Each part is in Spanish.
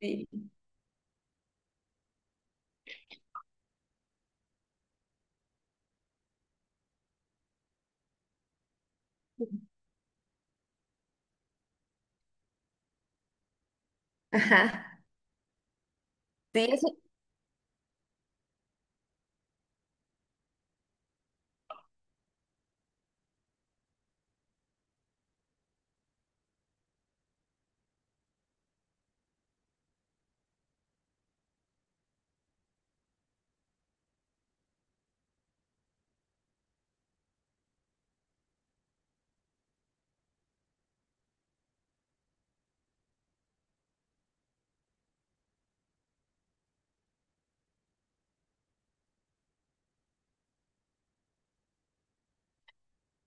Sí. Ajá. Sí, eso-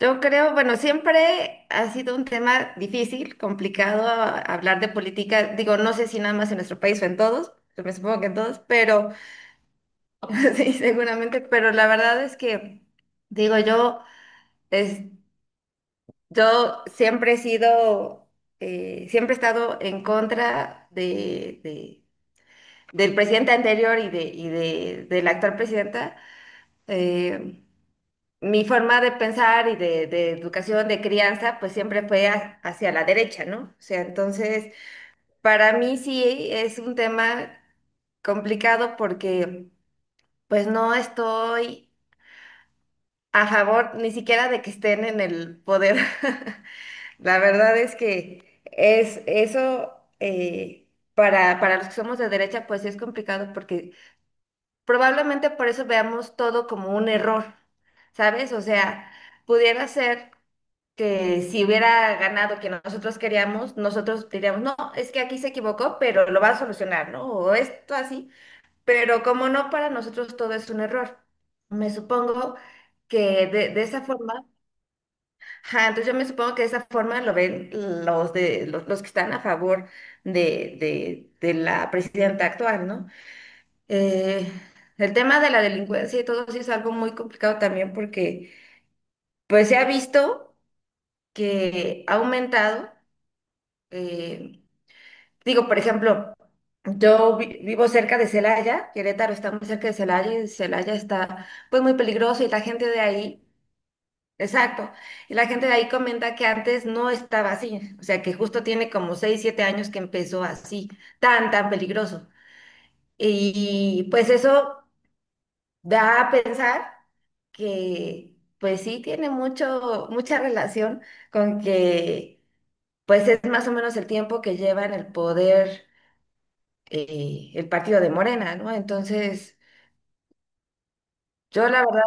yo creo, bueno, siempre ha sido un tema difícil, complicado hablar de política. Digo, no sé si nada más en nuestro país o en todos, yo me supongo que en todos, pero sí, seguramente, pero la verdad es digo, es, yo siempre he siempre he estado en contra del presidente anterior de la actual presidenta. Eh, Mi forma de pensar y de educación, de crianza, pues siempre fue hacia la derecha, ¿no? O sea, entonces, para mí sí es un tema complicado porque pues no estoy a favor ni siquiera de que estén en el poder. La verdad es que es eso eh, para los que somos de derecha, pues es complicado porque probablemente por eso veamos todo como un error, ¿sabes? O sea, pudiera ser. Que si hubiera ganado que nosotros queríamos, nosotros diríamos, no, es que aquí se equivocó, pero lo va a solucionar, ¿no? O esto así, pero como no, para nosotros todo es un error. Me supongo que de esa forma, ajá, entonces yo me supongo que de esa forma lo ven los que están a favor de, de, de la presidenta actual, ¿no? Eh, el tema de la delincuencia y todo sí es algo muy complicado también porque pues se ha visto que ha aumentado. Eh, Digo, por ejemplo, yo vivo cerca de Celaya, Querétaro está muy cerca de Celaya y Celaya está pues muy peligroso y la gente de ahí, exacto, y la gente de ahí comenta que antes no estaba así, o sea que justo tiene como 6 7 años que empezó así, tan peligroso. Y pues eso da a pensar que pues sí tiene mucha relación con que pues es más o menos el tiempo que lleva en el poder, el partido de Morena, ¿no? Entonces, yo la verdad,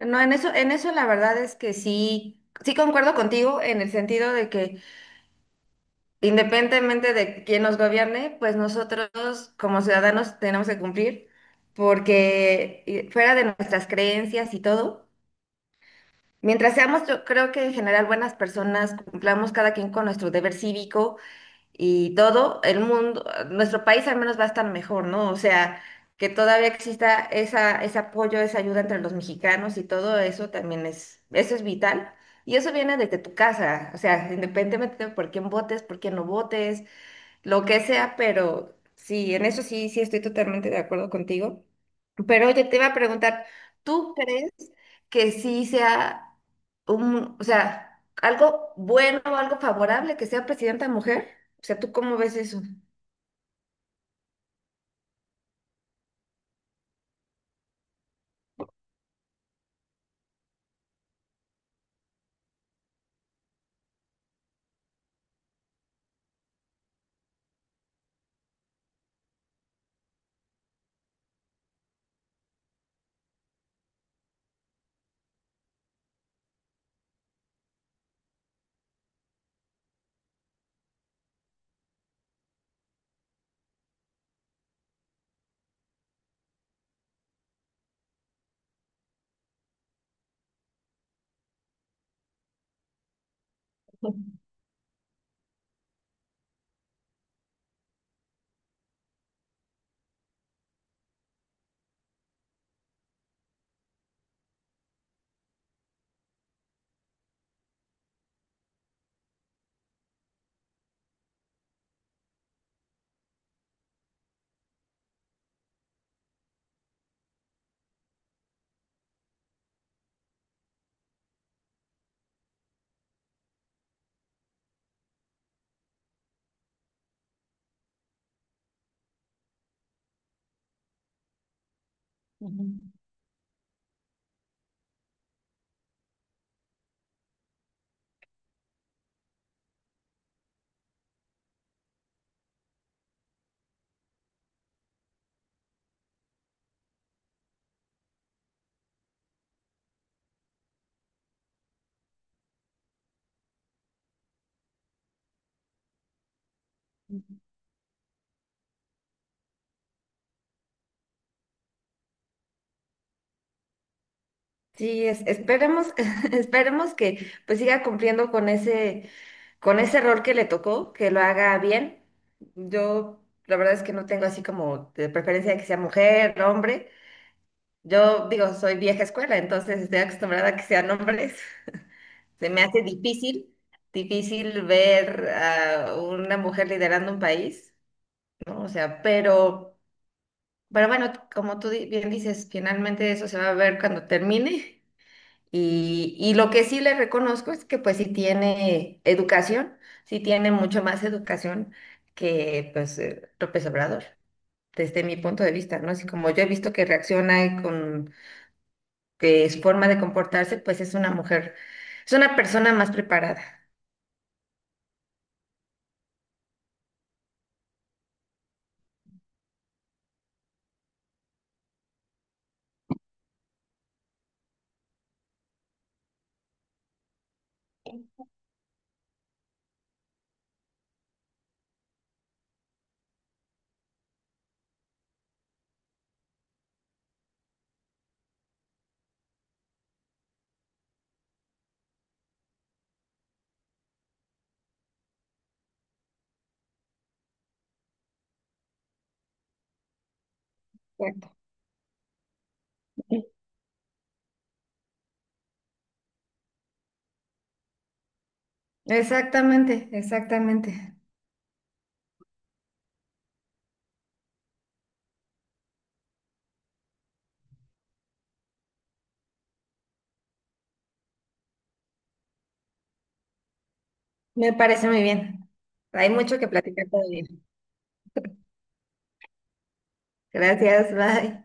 no, en en eso la verdad es que sí, sí concuerdo contigo en el sentido de que independientemente de quién nos gobierne, pues nosotros como ciudadanos tenemos que cumplir, porque fuera de nuestras creencias y todo, mientras seamos, yo creo que en general buenas personas, cumplamos cada quien con nuestro deber cívico y todo el mundo, nuestro país al menos va a estar mejor, ¿no? O sea, que todavía exista ese apoyo, esa ayuda entre los mexicanos y todo eso también eso es vital. Y eso viene desde tu casa, o sea, independientemente de por quién votes, por quién no votes, lo que sea, pero sí, en eso sí, sí estoy totalmente de acuerdo contigo. Pero oye, te iba a preguntar, ¿tú crees que sí sea un, o sea, algo bueno o algo favorable que sea presidenta mujer? O sea, ¿tú cómo ves eso? Ujú. Sí, esperemos, esperemos que pues siga cumpliendo con ese rol que le tocó, que lo haga bien. Yo la verdad es que no tengo así como de preferencia de que sea mujer, hombre. Yo digo, soy vieja escuela, entonces estoy acostumbrada a que sean hombres. Se me hace difícil, difícil ver a una mujer liderando un país, ¿no? O sea, pero bueno, como tú bien dices, finalmente eso se va a ver cuando termine. Y lo que sí le reconozco es que pues sí tiene educación, sí tiene mucho más educación que pues López Obrador, desde mi punto de vista, ¿no? Así como yo he visto que reacciona con que es forma de comportarse, pues es una mujer, es una persona más preparada. Exacto. Exactamente, exactamente. Me parece muy bien. Hay mucho que platicar todavía. Gracias, bye.